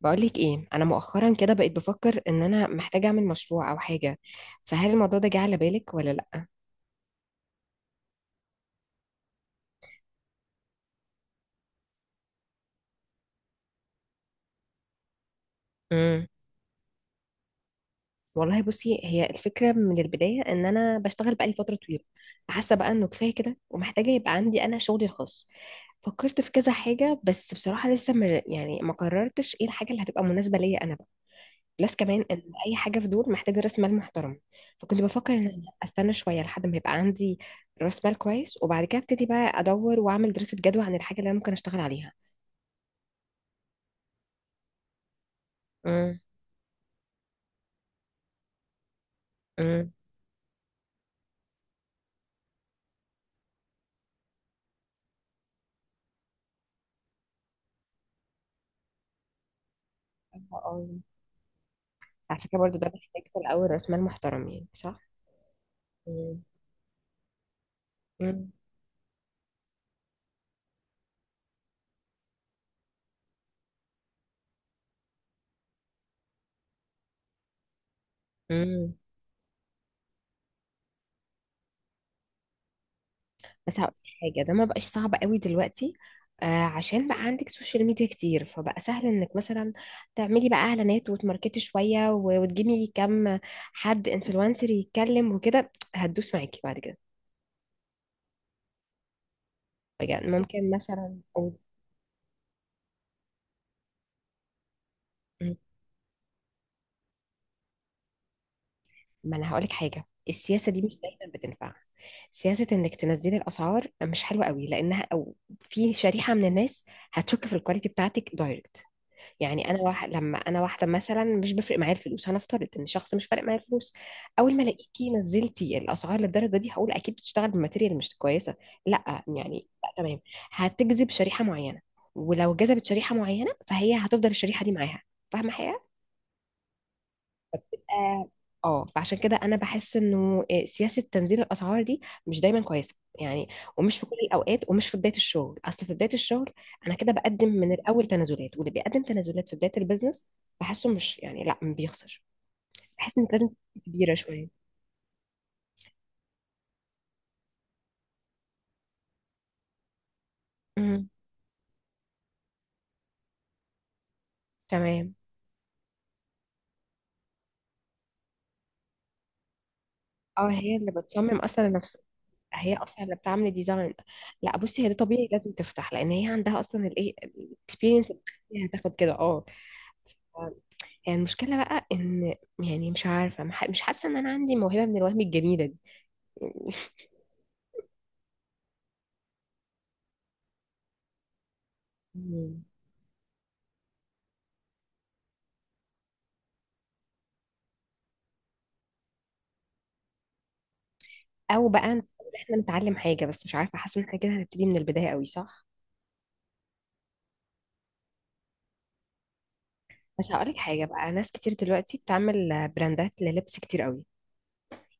بقولك ايه، انا مؤخرا كده بقيت بفكر ان انا محتاجه اعمل مشروع او حاجه. فهل الموضوع ده جه على بالك ولا لا؟ امم. والله بصي، هي الفكره من البدايه ان انا بشتغل بقالي فتره طويله، فحاسه بقى انه كفايه كده ومحتاجه يبقى عندي انا شغلي الخاص. فكرت في كذا حاجه، بس بصراحه لسه يعني ما قررتش ايه الحاجه اللي هتبقى مناسبه ليا انا بقى. بلس كمان ان اي حاجه في دول محتاجه راس مال محترم. فكنت بفكر ان أنا استنى شويه لحد ما يبقى عندي راس مال كويس، وبعد كده ابتدي بقى ادور واعمل دراسه جدوى عن الحاجه اللي انا ممكن اشتغل عليها. امم. امم. آه، على فكره برضو ده محتاج في الاول راس مال محترم، يعني صح؟ مم. امم. بس هقول حاجة، ده ما بقاش صعب قوي دلوقتي. آه، عشان بقى عندك سوشيال ميديا كتير فبقى سهل انك مثلا تعملي بقى اعلانات وتماركتي شوية وتجيبي كم حد انفلونسر يتكلم وكده هتدوس معاكي بعد كده. بجد ممكن مثلا أقول. مم. ما انا هقولك حاجة، السياسة دي مش دايما بتنفع. سياسة انك تنزلي الاسعار مش حلوة قوي، لانها، او في شريحة من الناس هتشك في الكواليتي بتاعتك دايركت. يعني انا واحده مثلا مش بفرق معايا الفلوس، هنفترض ان شخص مش فارق معايا الفلوس. اول ما الاقيكي نزلتي الاسعار للدرجه دي هقول اكيد بتشتغل بماتيريال مش كويسه. لا يعني لا، تمام. هتجذب شريحه معينه، ولو جذبت شريحه معينه فهي هتفضل الشريحه دي معاها. فاهمه حاجه؟ اه. آه، فعشان كده انا بحس انه سياسه تنزيل الاسعار دي مش دايما كويسه يعني. ومش في كل الاوقات ومش في بدايه الشغل، اصل في بدايه الشغل انا كده بقدم من الاول تنازلات، واللي بيقدم تنازلات في بدايه البيزنس بحسه مش يعني لا بيخسر. بحس انك لازم تكون كبيره شويه. امم. تمام. اه، هي اللي بتصمم اصلا نفسها. هي اصلا اللي بتعمل ديزاين. لا بصي، هي ده طبيعي لازم تفتح لان هي عندها اصلا الاكسبيرينس. هتاخد كده، اه. يعني المشكلة بقى إن، يعني مش عارفة مش حاسة إن أنا عندي موهبة من الوهم الجميلة دي. مم. أو بقى إن إحنا نتعلم حاجة، بس مش عارفة حاسة إن إحنا كده هنبتدي من البداية قوي، صح؟ بس هقولك حاجة بقى، ناس كتير دلوقتي بتعمل براندات للبس كتير قوي.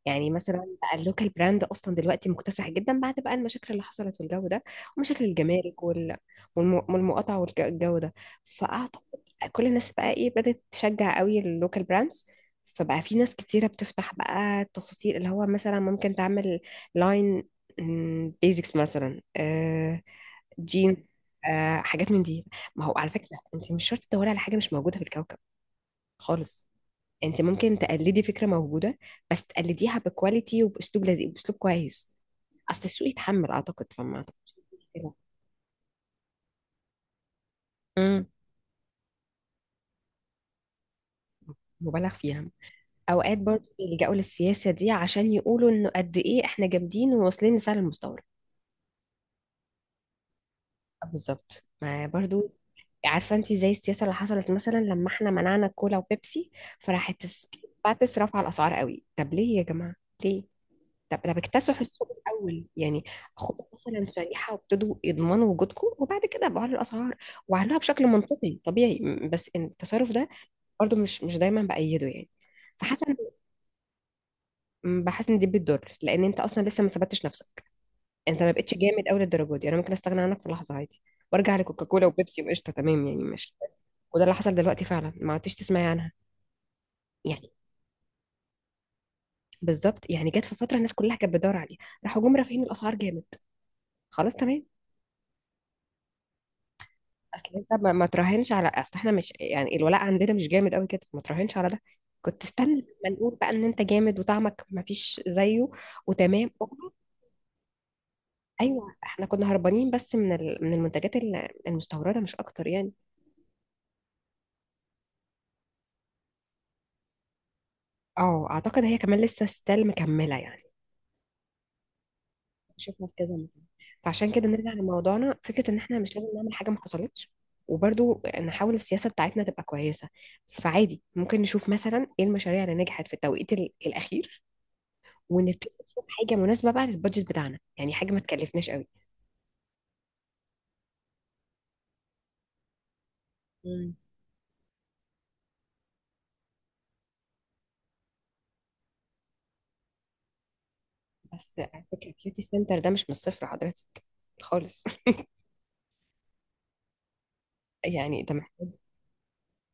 يعني مثلا بقى اللوكال براند اصلا دلوقتي مكتسح جدا، بعد بقى المشاكل اللي حصلت والجو ده. ومشاكل الجمارك والمقاطعه والجو ده. فاعتقد كل الناس بقى بدات تشجع قوي اللوكال براندز. فبقى في ناس كتيره بتفتح بقى تفاصيل اللي هو مثلا ممكن تعمل لاين بيزكس مثلا، جين، حاجات من دي. ما هو على فكره، انت مش شرط تدوري على حاجه مش موجوده في الكوكب خالص. انت ممكن تقلدي فكره موجوده، بس تقلديها بكواليتي وباسلوب لذيذ، باسلوب كويس. اصل السوق يتحمل اعتقد، فما اعتقدش كده. امم. مبالغ فيها. اوقات برضه بيلجأوا للسياسه دي عشان يقولوا انه قد ايه احنا جامدين وواصلين لسعر المستورد. آه، بالظبط، ما برضه. عارفه انت زي السياسه اللي حصلت مثلا لما احنا منعنا الكولا وبيبسي. فراحت باتس رفع الاسعار قوي. طب ليه يا جماعه؟ ليه؟ طب ده بكتسحوا السوق الاول يعني. خدوا مثلا شريحه وابتدوا يضمنوا وجودكم، وبعد كده بعلوا الاسعار. وعلوها بشكل منطقي طبيعي، بس إن التصرف ده برضه مش دايما بايده يعني. فحاسه بحس ان دي بتضر، لان انت اصلا لسه ما ثبتتش نفسك. انت ما بقتش جامد قوي للدرجه دي، انا ممكن استغنى عنك في لحظه عادي. وارجع لكوكاكولا وبيبسي وقشطه. تمام يعني، مش. وده اللي حصل دلوقتي فعلا، ما عدتش تسمعي عنها. يعني. بالظبط، يعني جت في فتره الناس كلها كانت بتدور عليها. راحوا جم رافعين الاسعار جامد. خلاص، تمام. اصل انت ما تراهنش على، اصل احنا مش يعني الولاء عندنا مش جامد قوي كده، ما تراهنش على ده. كنت استنى لما نقول بقى ان انت جامد وطعمك ما فيش زيه. وتمام. ايوه، احنا كنا هربانين بس من المنتجات المستورده مش اكتر يعني. اه، اعتقد هي كمان لسه ستيل مكمله يعني. شفنا في كذا مكان. فعشان كده نرجع لموضوعنا، فكره ان احنا مش لازم نعمل حاجه ما حصلتش. وبرضو نحاول السياسه بتاعتنا تبقى كويسه. فعادي ممكن نشوف مثلا ايه المشاريع اللي نجحت في التوقيت الاخير. ونتفق نشوف حاجة مناسبة بقى للبادجت بتاعنا، يعني حاجة ما تكلفناش قوي. مم. بس على فكرة بيوتي سنتر ده مش من الصفر حضرتك، خالص يعني ده محتاج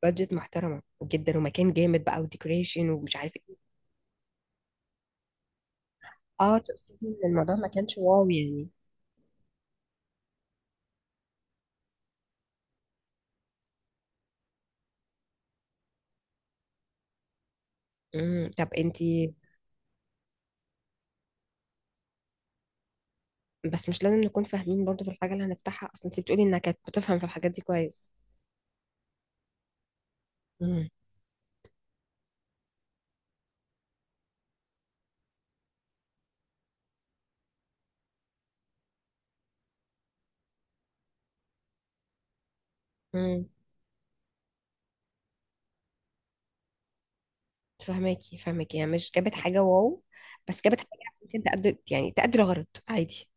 بادجت محترمة جدا ومكان جامد بقى وديكوريشن ومش عارف ايه. اه، تقصدي ان الموضوع ما كانش واو يعني. امم. طب انتي. بس مش لازم نكون فاهمين برضو في الحاجة اللي هنفتحها، اصل انتي بتقولي انك كانت بتفهم في الحاجات دي كويس. امم. امم. فهماكي، يعني مش جابت حاجة واو بس جابت حاجة. ممكن تقدر، يعني تقدر غلط عادي.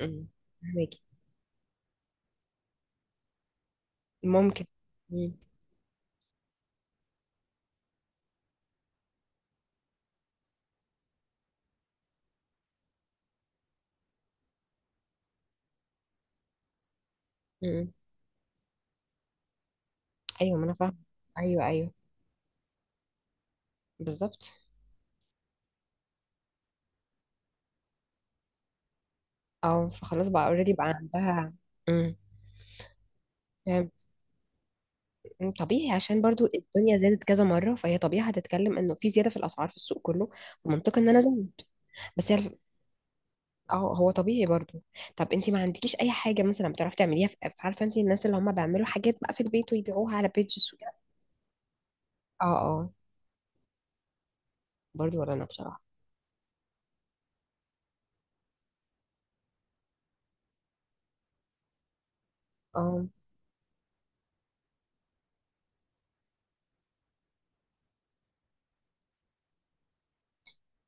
امم. ممكن. مم. مم. ايوه، ما انا فاهمه. ايوه، ايوه. بالظبط. اه، فخلاص بقى اوريدي بقى عندها. مم. فاهم. مم. طبيعي، عشان برضو الدنيا زادت كذا مره، فهي طبيعي هتتكلم انه في زياده في الاسعار في السوق كله. فمنطقي ان انا ازود. بس هي اه، هو طبيعي برضو. طب انت ما عندكيش اي حاجه مثلا بتعرفي تعمليها في عارفه انت الناس اللي هم بيعملوا حاجات بقى في البيت ويبيعوها على بيجز وكده. اه. اه. برضو، ولا انا بصراحه. اه.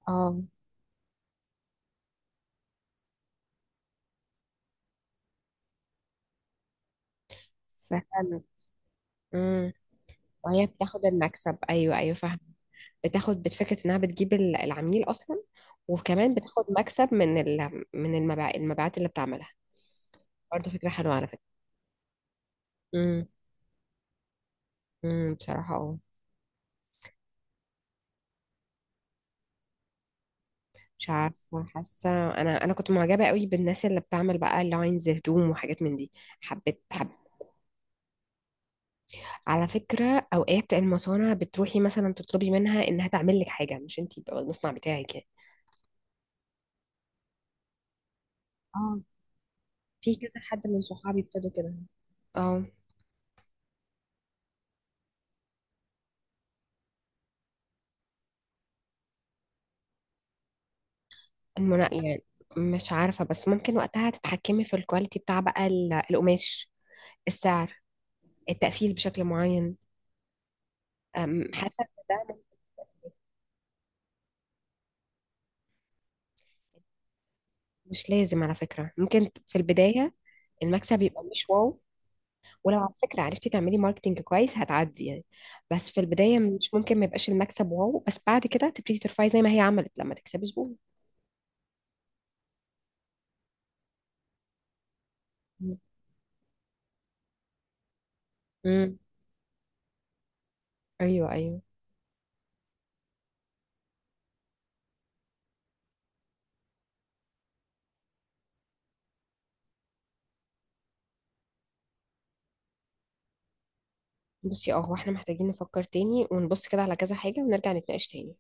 اه. فاهمة. امم. وهي بتاخد المكسب، ايوه، ايوه، فاهمة. بتاخد بفكرة انها بتجيب العميل اصلا. وكمان بتاخد مكسب من المبيعات اللي بتعملها. برضه فكرة حلوة، على فكرة. امم. امم، بصراحة اه. مش عارفة حاسة. انا كنت معجبة قوي بالناس اللي بتعمل بقى لاينز هدوم وحاجات من دي. حبيت حب. على فكرة اوقات المصانع بتروحي مثلا تطلبي منها انها تعمل لك حاجة، مش انتي يبقى المصنع بتاعك يعني. اه. في كذا حد من صحابي ابتدوا كده. اه. يعني. مش عارفة بس ممكن وقتها تتحكمي في الكواليتي بتاع بقى القماش. السعر. التقفيل بشكل معين. حاسة إن ده ممكن-. مش لازم على فكرة، ممكن في البداية المكسب يبقى مش واو. ولو على فكرة عرفتي تعملي ماركتينج كويس هتعدي يعني. بس في البداية مش ممكن ما يبقاش المكسب واو، بس بعد كده تبتدي ترفعي زي ما هي عملت لما تكسبي زبون. امم. ايوه، ايوه. بصي، اه، هو احنا محتاجين نفكر تاني ونبص كده على كذا حاجة ونرجع نتناقش تاني.